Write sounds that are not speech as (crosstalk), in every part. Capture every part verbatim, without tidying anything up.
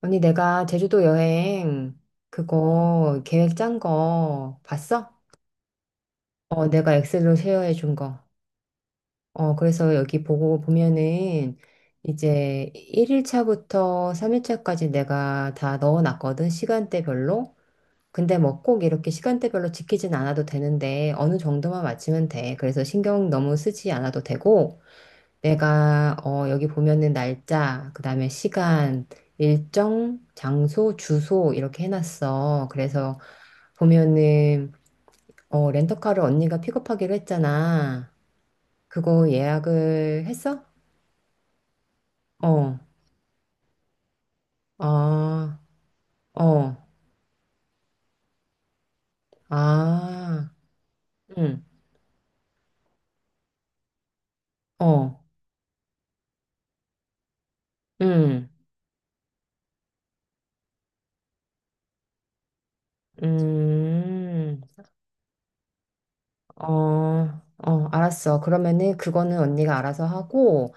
언니, 내가 제주도 여행 그거 계획 짠 거 봤어? 어, 내가 엑셀로 쉐어해 준 거. 어, 그래서 여기 보고 보면은 이제 일 일차부터 삼 일차까지 내가 다 넣어 놨거든, 시간대별로. 근데 뭐 꼭 이렇게 시간대별로 지키진 않아도 되는데 어느 정도만 맞추면 돼. 그래서 신경 너무 쓰지 않아도 되고 내가 어, 여기 보면은 날짜, 그다음에 시간, 일정, 장소, 주소 이렇게 해놨어. 그래서 보면은 어, 렌터카를 언니가 픽업하기로 했잖아. 그거 예약을 했어? 어, 아, 어, 아, 응, 어, 응, 음, 어, 어, 알았어. 그러면은 그거는 언니가 알아서 하고.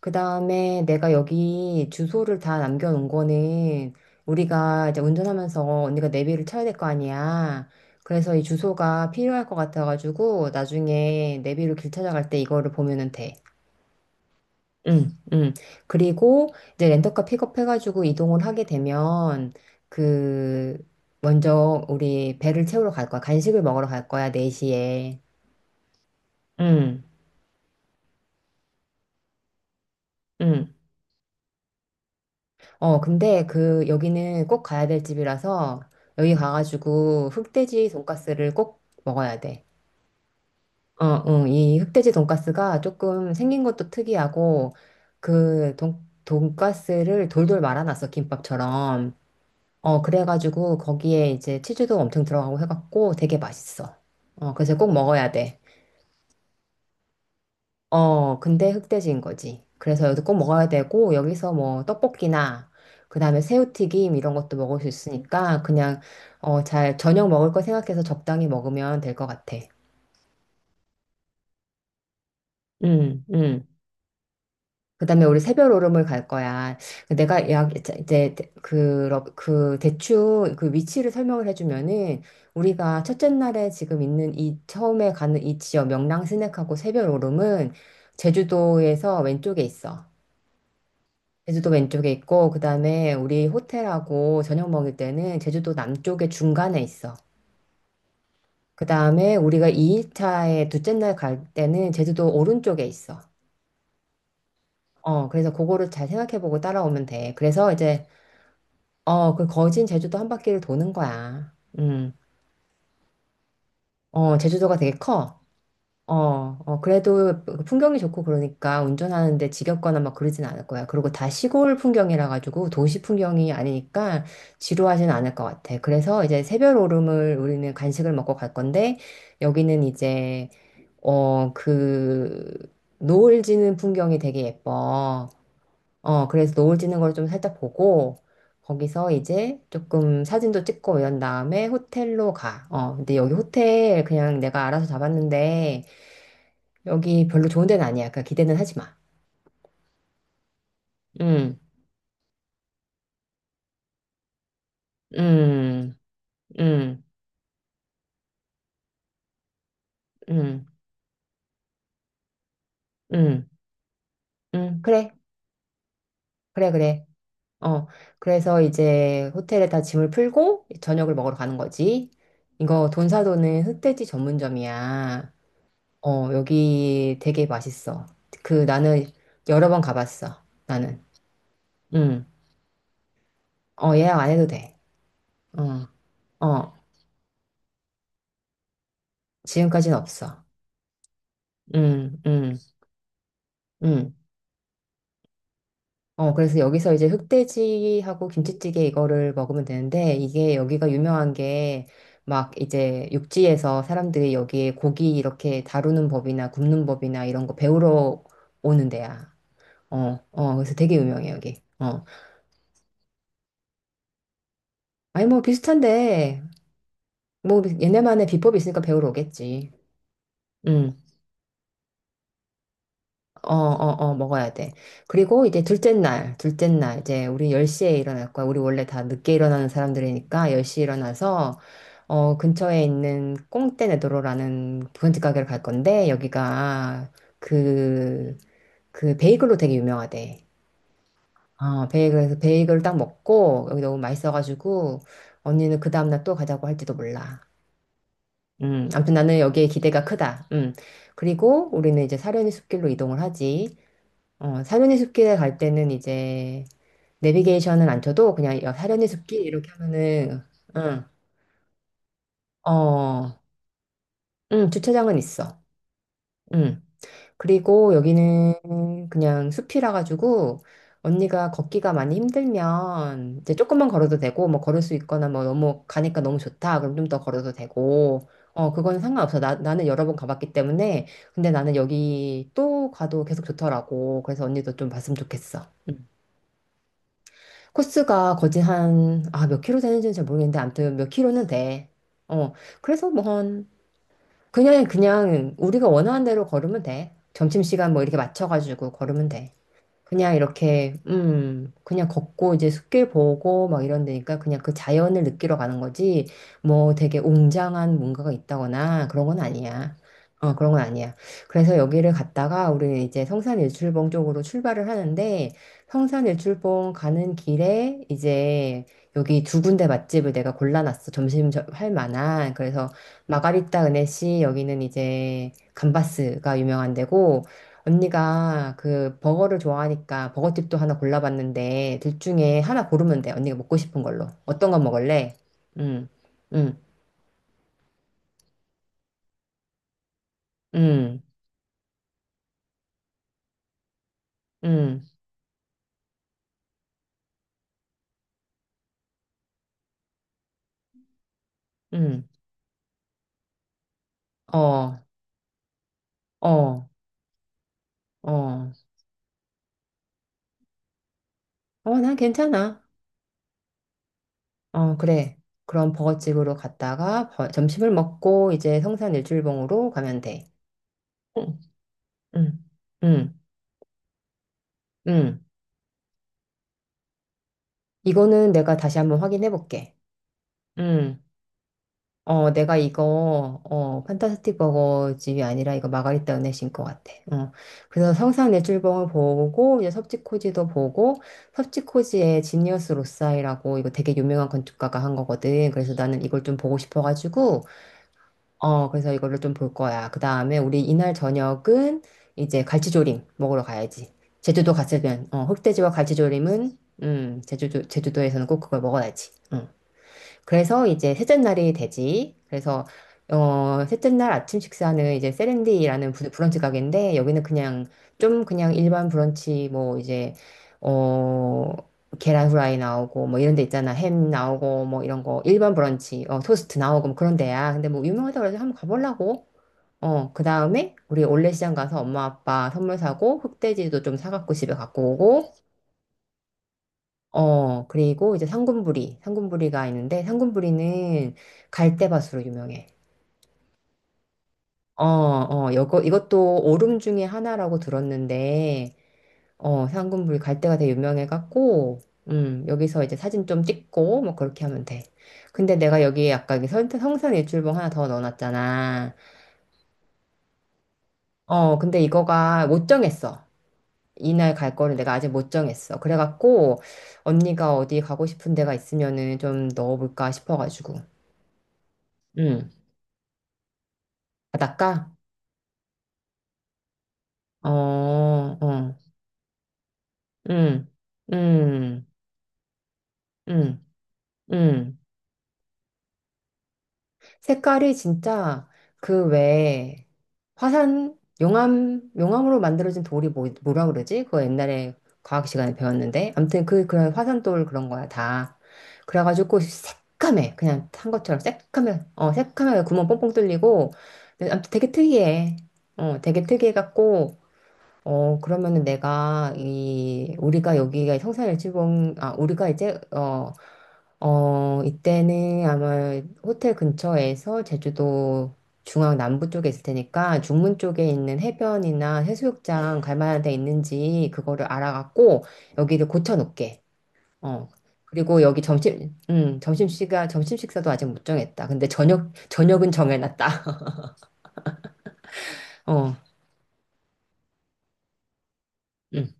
그 다음에 내가 여기 주소를 다 남겨놓은 거는 우리가 이제 운전하면서 언니가 내비를 쳐야 될 거 아니야. 그래서 이 주소가 필요할 것 같아가지고 나중에 내비로 길 찾아갈 때 이거를 보면은 돼. 응, 응. 그리고 이제 렌터카 픽업해가지고 이동을 하게 되면 그 먼저 우리 배를 채우러 갈 거야. 간식을 먹으러 갈 거야, 네 시에. 응, 응. 어, 근데 그 여기는 꼭 가야 될 집이라서 여기 가가지고 흑돼지 돈가스를 꼭 먹어야 돼. 어, 응. 이 흑돼지 돈가스가 조금 생긴 것도 특이하고 그 돈, 돈가스를 돌돌 말아놨어, 김밥처럼. 어, 그래가지고 거기에 이제 치즈도 엄청 들어가고 해갖고 되게 맛있어. 어, 그래서 꼭 먹어야 돼. 어, 근데 흑돼지인 거지. 그래서 여기서 꼭 먹어야 되고, 여기서 뭐 떡볶이나, 그 다음에 새우튀김 이런 것도 먹을 수 있으니까, 그냥, 어, 잘, 저녁 먹을 거 생각해서 적당히 먹으면 될 것 같아. 음, 음. 그 다음에 우리 새별 오름을 갈 거야. 내가 약, 이제, 대- 그, 러- 그, 대충 그 위치를 설명을 해주면은, 우리가 첫째 날에 지금 있는 이, 처음에 가는 이 지역, 명랑 스낵하고 새별 오름은, 제주도에서 왼쪽에 있어. 제주도 왼쪽에 있고, 그 다음에 우리 호텔하고 저녁 먹을 때는 제주도 남쪽에 중간에 있어. 그 다음에 우리가 이 일차에 둘째 날 갈 때는 제주도 오른쪽에 있어. 어, 그래서 그거를 잘 생각해보고 따라오면 돼. 그래서 이제, 어, 그 거진 제주도 한 바퀴를 도는 거야. 음, 어, 제주도가 되게 커. 어, 어, 그래도 그 풍경이 좋고 그러니까 운전하는데 지겹거나 막 그러진 않을 거야. 그리고 다 시골 풍경이라 가지고 도시 풍경이 아니니까 지루하진 않을 것 같아. 그래서 이제 새별 오름을 우리는 간식을 먹고 갈 건데 여기는 이제 어, 그 노을 지는 풍경이 되게 예뻐. 어, 그래서 노을 지는 걸 좀 살짝 보고 거기서 이제 조금 사진도 찍고 이런 다음에 호텔로 가. 어, 근데 여기 호텔 그냥 내가 알아서 잡았는데 여기 별로 좋은 데는 아니야. 그러니까 기대는 하지 마. 응, 응, 응, 응, 응, 응. 그래, 그래, 그래. 어, 그래서 이제 호텔에다 짐을 풀고 저녁을 먹으러 가는 거지. 이거 돈사도는 흑돼지 전문점이야. 어, 여기 되게 맛있어. 그 나는 여러 번 가봤어. 나는. 응. 어, 예약 안 해도 돼. 어, 어. 지금까지는 없어. 응, 응, 응. 어, 그래서 여기서 이제 흑돼지하고 김치찌개 이거를 먹으면 되는데, 이게 여기가 유명한 게, 막 이제 육지에서 사람들이 여기에 고기 이렇게 다루는 법이나 굽는 법이나 이런 거 배우러 오는 데야. 어, 어, 그래서 되게 유명해, 여기. 어. 아니, 뭐 비슷한데, 뭐 얘네만의 비법이 있으니까 배우러 오겠지. 응. 어, 어, 어, 먹어야 돼. 그리고 이제 둘째 날, 둘째 날, 이제 우리 열 시에 일어날 거야. 우리 원래 다 늦게 일어나는 사람들이니까 열 시에 일어나서, 어, 근처에 있는 꽁떼네도로라는 부잣집 가게를 갈 건데, 여기가 그, 그 베이글로 되게 유명하대. 어, 베이글에서 베이글 딱 먹고, 여기 너무 맛있어가지고, 언니는 그 다음날 또 가자고 할지도 몰라. 음, 아무튼 나는 여기에 기대가 크다. 음. 그리고 우리는 이제 사려니 숲길로 이동을 하지. 어, 사려니 숲길에 갈 때는 이제 내비게이션은 안 쳐도 그냥 야, 사려니 숲길 이렇게 하면은 응, 어, 응, 주차장은 있어. 응. 그리고 여기는 그냥 숲이라 가지고 언니가 걷기가 많이 힘들면 이제 조금만 걸어도 되고 뭐 걸을 수 있거나 뭐 너무 가니까 너무 좋다. 그럼 좀 더 걸어도 되고. 어, 그건 상관없어. 나, 나는 여러 번 가봤기 때문에. 근데 나는 여기 또 가도 계속 좋더라고. 그래서 언니도 좀 봤으면 좋겠어. 응. 코스가 거진 한, 아, 몇 킬로 되는지는 잘 모르겠는데, 아무튼 몇 킬로는 돼. 어, 그래서 뭐 한, 그냥, 그냥 우리가 원하는 대로 걸으면 돼. 점심시간 뭐 이렇게 맞춰가지고 걸으면 돼. 그냥 이렇게, 음, 그냥 걷고 이제 숲길 보고 막 이런 데니까 그냥 그 자연을 느끼러 가는 거지, 뭐 되게 웅장한 뭔가가 있다거나 그런 건 아니야. 어, 그런 건 아니야. 그래서 여기를 갔다가 우리는 이제 성산 일출봉 쪽으로 출발을 하는데, 성산 일출봉 가는 길에 이제 여기 두 군데 맛집을 내가 골라놨어. 점심 저- 할 만한. 그래서 마가리타 은혜씨 여기는 이제 감바스가 유명한 데고, 언니가 그 버거를 좋아하니까 버거집도 하나 골라봤는데 둘 중에 하나 고르면 돼. 언니가 먹고 싶은 걸로. 어떤 거 먹을래? 응, 응, 응, 응, 응. 어, 어, 어. 어, 난 괜찮아. 어, 그래. 그럼 버거집으로 갔다가 버- 점심을 먹고 이제 성산 일출봉으로 가면 돼. 응, 응, 응, 응. 이거는 내가 다시 한번 확인해 볼게. 응. 어, 내가 이거, 어, 판타스틱 버거 집이 아니라 이거 마가리타 은혜신 것 같아. 어. 그래서 성상 내출봉을 보고, 이제 섭지코지도 보고, 섭지코지의 지니어스 로사이라고 이거 되게 유명한 건축가가 한 거거든. 그래서 나는 이걸 좀 보고 싶어가지고, 어, 그래서 이거를 좀 볼 거야. 그 다음에 우리 이날 저녁은 이제 갈치조림 먹으러 가야지. 제주도 갔으면, 어, 흑돼지와 갈치조림은, 음, 제주도, 제주도에서는 꼭 그걸 먹어야지. 어. 그래서 이제 셋째 날이 되지. 그래서 어, 셋째 날 아침 식사는 이제 세렌디라는 브- 브런치 가게인데 여기는 그냥 좀 그냥 일반 브런치 뭐 이제 어 계란 후라이 나오고 뭐 이런 데 있잖아. 햄 나오고 뭐 이런 거 일반 브런치 어 토스트 나오고 뭐 그런 데야. 근데 뭐 유명하다고 해서 한번 가보려고. 어, 그다음에 우리 올레시장 가서 엄마 아빠 선물 사고 흑돼지도 좀 사갖고 집에 갖고 오고 어, 그리고 이제 상군부리, 상군부리가 있는데 상군부리는 갈대밭으로 유명해. 어, 어, 이거, 이것도 오름 중에 하나라고 들었는데, 어, 상군부리 갈대가 되게 유명해갖고, 음, 여기서 이제 사진 좀 찍고, 뭐 그렇게 하면 돼. 근데 내가 여기 아까 여기 선- 성산일출봉 하나 더 넣어놨잖아. 어, 근데 이거가 못 정했어. 이날 갈 거를 내가 아직 못 정했어. 그래갖고, 언니가 어디 가고 싶은 데가 있으면은 좀 넣어볼까 싶어가지고. 음. 바닷가? 어, 어, 음, 음, 음, 음. 색깔이 진짜 그 외에 화산, 용암, 용암으로 만들어진 돌이 뭐, 뭐라 그러지? 그거 옛날에 과학 시간에 배웠는데. 아무튼 그, 그런 화산돌 그런 거야, 다. 그래가지고 새까매. 그냥 탄 것처럼 새까매. 어, 새까매. 구멍 뻥뻥 뚫리고. 근데 아무튼 되게 특이해. 어, 되게 특이해갖고. 어, 그러면은 내가 이 우리가 여기가 성산일출봉 아 우리가 이제 어 어 이때는 아마 호텔 근처에서 제주도 중앙 남부 쪽에 있을 테니까 중문 쪽에 있는 해변이나 해수욕장 갈 만한 데 있는지 그거를 알아갖고 여기를 고쳐 놓게. 어. 그리고 여기 점심 음 점심 시간 점심 식사도 아직 못 정했다. 근데 저녁 저녁은 정해놨다. (laughs) 어. 음.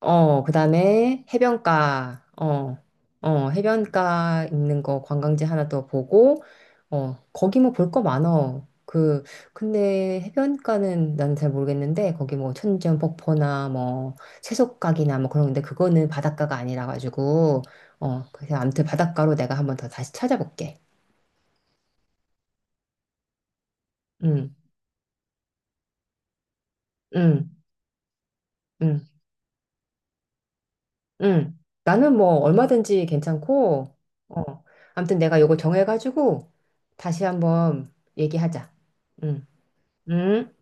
어, 그다음에 해변가, 어, 어, 해변가 있는 거 관광지 하나 더 보고, 어, 거기 뭐 볼 거 많어. 그, 근데 해변가는 난 잘 모르겠는데, 거기 뭐 천지연 폭포나 뭐 채석각이나 뭐 그런 건데, 그거는 바닷가가 아니라 가지고, 어, 그래서 아무튼 바닷가로 내가 한번 더 다시 찾아볼게. 응, 응, 응. 응. 나는 뭐 얼마든지 괜찮고, 어. 아무튼 내가 요거 정해가지고 다시 한번 얘기하자. 응. 응.